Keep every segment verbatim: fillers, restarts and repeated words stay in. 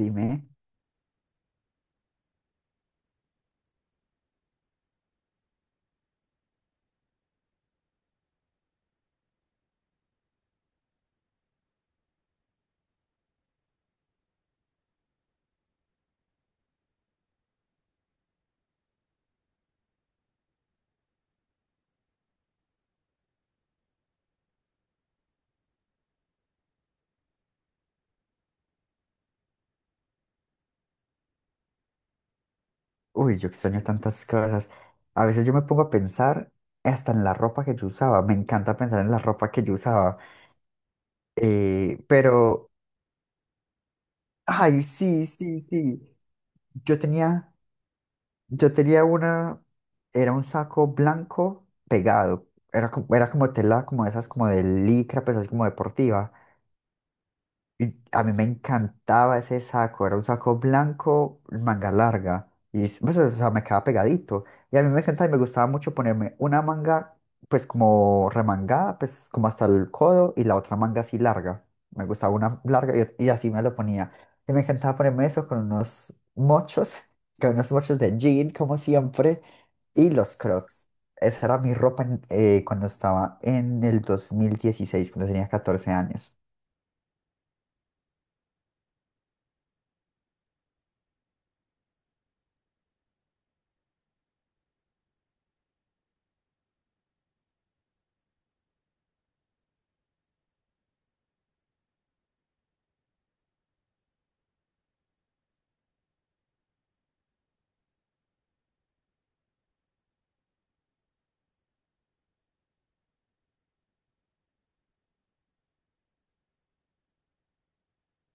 Dime. Uy, yo extraño tantas cosas. A veces yo me pongo a pensar hasta en la ropa que yo usaba. Me encanta pensar en la ropa que yo usaba. Eh, pero, ay, sí, sí, sí. Yo tenía, yo tenía una, era un saco blanco pegado. Era como, era como tela, como esas, como de licra, pues así como deportiva. Y a mí me encantaba ese saco, era un saco blanco, manga larga, y pues, o sea, me quedaba pegadito. Y a mí me encantaba y me gustaba mucho ponerme una manga, pues como remangada, pues como hasta el codo, y la otra manga así larga. Me gustaba una larga y, y así me lo ponía. Y me encantaba ponerme eso con unos mochos, con unos mochos de jean, como siempre, y los crocs. Esa era mi ropa en- eh, cuando estaba en el dos mil dieciséis, cuando tenía catorce años.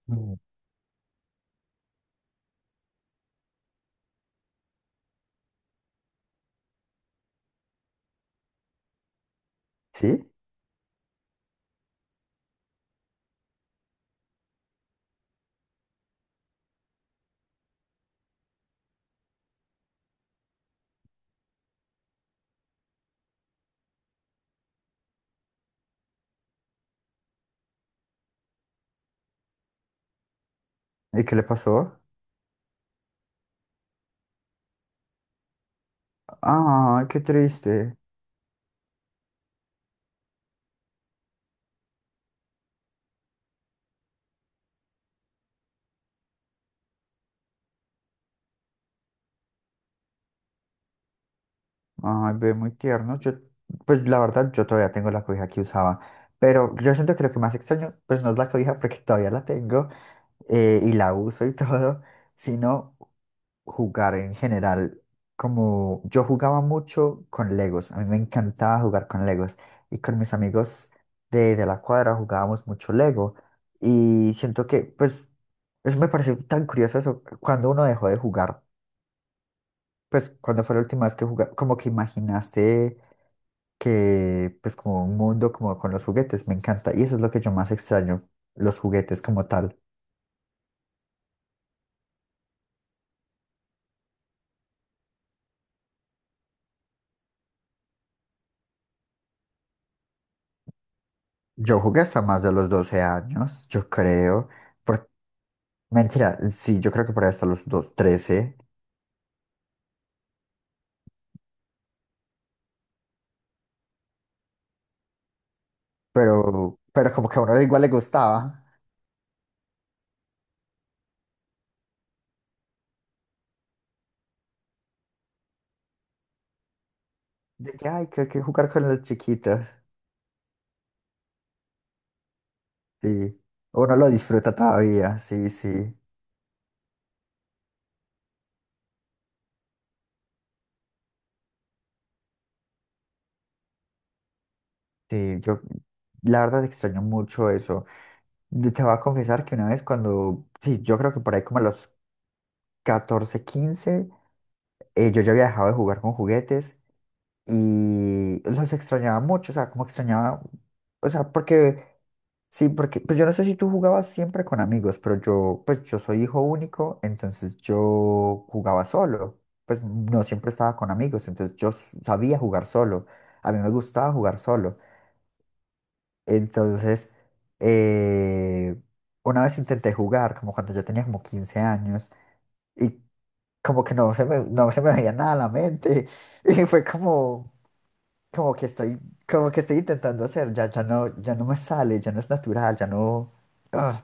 Mm. ¿Sí? ¿Y qué le pasó? Ay, qué triste. Ay, ve, muy tierno. Yo, pues la verdad, yo todavía tengo la cobija que usaba. Pero yo siento que lo que más extraño, pues, no es la cobija porque todavía la tengo, eh, y la uso y todo, sino jugar en general. Como yo jugaba mucho con Legos, a mí me encantaba jugar con Legos. Y con mis amigos de, de la cuadra jugábamos mucho Lego. Y siento que, pues, eso me pareció tan curioso eso, cuando uno dejó de jugar. Pues, ¿cuándo fue la última vez que jugaste? Como que imaginaste que, pues, como un mundo como con los juguetes, me encanta. Y eso es lo que yo más extraño, los juguetes como tal. Yo jugué hasta más de los doce años, yo creo. Por... Mentira, sí, yo creo que por ahí hasta los dos, trece. Pero, pero como que a uno igual le gustaba. De que, ay, que hay que jugar con los chiquitos. Sí. Uno lo disfruta todavía, sí, sí. Sí, yo la verdad extraño mucho eso. Yo te voy a confesar que una vez cuando, sí, yo creo que por ahí como a los catorce, quince, eh, yo ya había dejado de jugar con juguetes y los extrañaba mucho, o sea, como extrañaba, o sea, porque, sí, porque, pues, yo no sé si tú jugabas siempre con amigos, pero yo, pues, yo soy hijo único, entonces yo jugaba solo, pues no siempre estaba con amigos, entonces yo s- sabía jugar solo, a mí me gustaba jugar solo. Entonces, eh, una vez intenté jugar, como cuando yo tenía como quince años, y como que no se me, no se me veía nada a la mente, y fue como, como que estoy, como que estoy intentando hacer, ya, ya no, ya no me sale, ya no es natural, ya no... ah.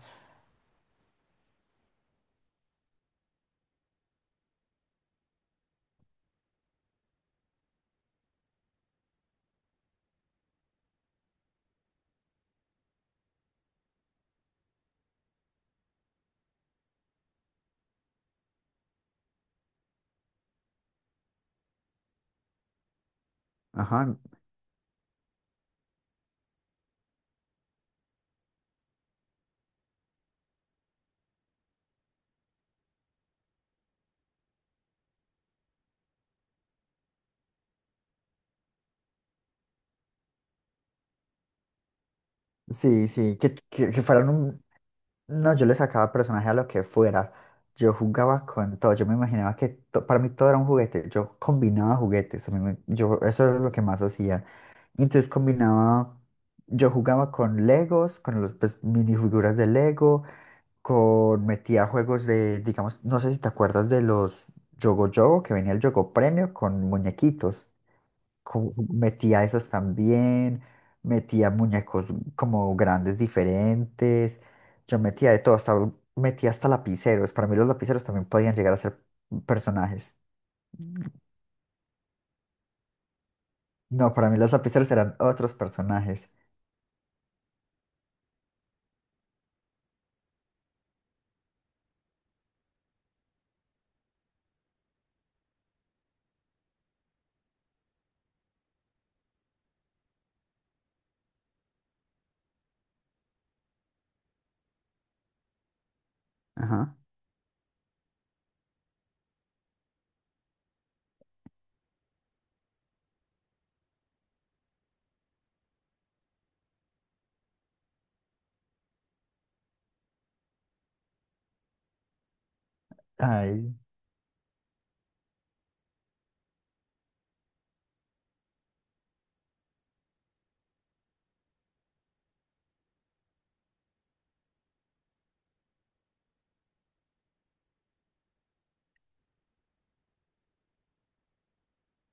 Ajá. Sí, sí, que, que, que fueran un... No, yo le sacaba personaje a lo que fuera. Yo jugaba con todo, yo me imaginaba que to- para mí todo era un juguete. Yo combinaba juguetes, a mí me- yo, eso era lo que más hacía. Entonces combinaba, yo jugaba con Legos, con los, pues, minifiguras de Lego, con metía juegos de, digamos, no sé si te acuerdas de los Yogo Yogo, que venía el Yogo Premio con muñequitos. co- Metía esos también, metía muñecos como grandes diferentes. Yo metía de todo, hasta metía hasta lapiceros. Para mí los lapiceros también podían llegar a ser personajes. No, para mí los lapiceros eran otros personajes. Ajá. Ay.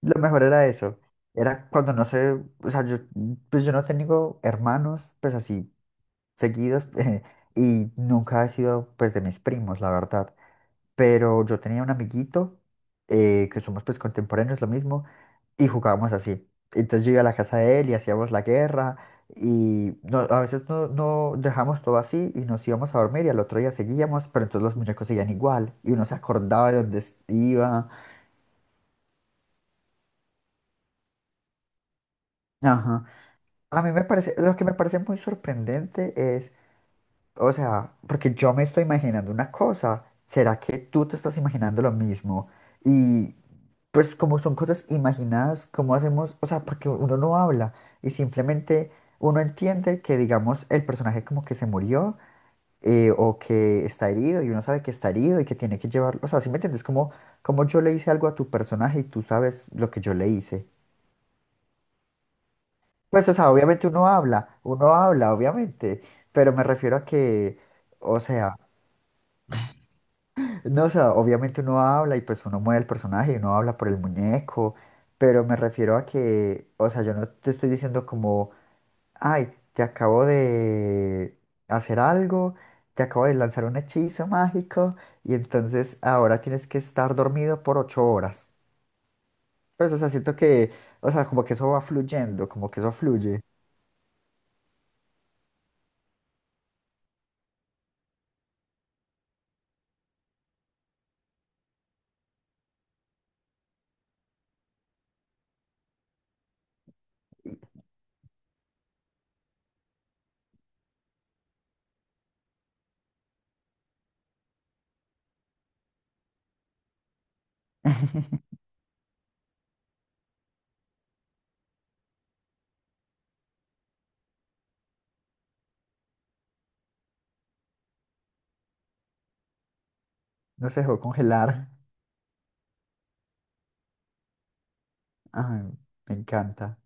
Lo mejor era eso. Era cuando no sé, o sea, yo, pues, yo no tengo hermanos, pues así, seguidos, eh, y nunca he sido, pues, de mis primos, la verdad. Pero yo tenía un amiguito, eh, que somos, pues, contemporáneos, lo mismo, y jugábamos así. Entonces yo iba a la casa de él y hacíamos la guerra, y no, a veces no, no dejamos todo así y nos íbamos a dormir y al otro día seguíamos, pero entonces los muñecos seguían igual, y uno se acordaba de dónde iba. Ajá. A mí me parece, lo que me parece muy sorprendente es, o sea, porque yo me estoy imaginando una cosa, ¿será que tú te estás imaginando lo mismo? Y pues como son cosas imaginadas, ¿cómo hacemos? O sea, porque uno no habla y simplemente uno entiende que, digamos, el personaje como que se murió, eh, o que está herido y uno sabe que está herido y que tiene que llevarlo, o sea, ¿sí me entiendes? Como, como yo le hice algo a tu personaje y tú sabes lo que yo le hice. Pues, o sea, obviamente uno habla, uno habla, obviamente, pero me refiero a que, o sea, no, o sea, obviamente uno habla y pues uno mueve el personaje y uno habla por el muñeco, pero me refiero a que, o sea, yo no te estoy diciendo como, ay, te acabo de hacer algo, te acabo de lanzar un hechizo mágico y entonces ahora tienes que estar dormido por ocho horas. Pues, o sea, siento que, o sea, como que eso va fluyendo, como que eso fluye, no se dejó congelar. Ay, me encanta.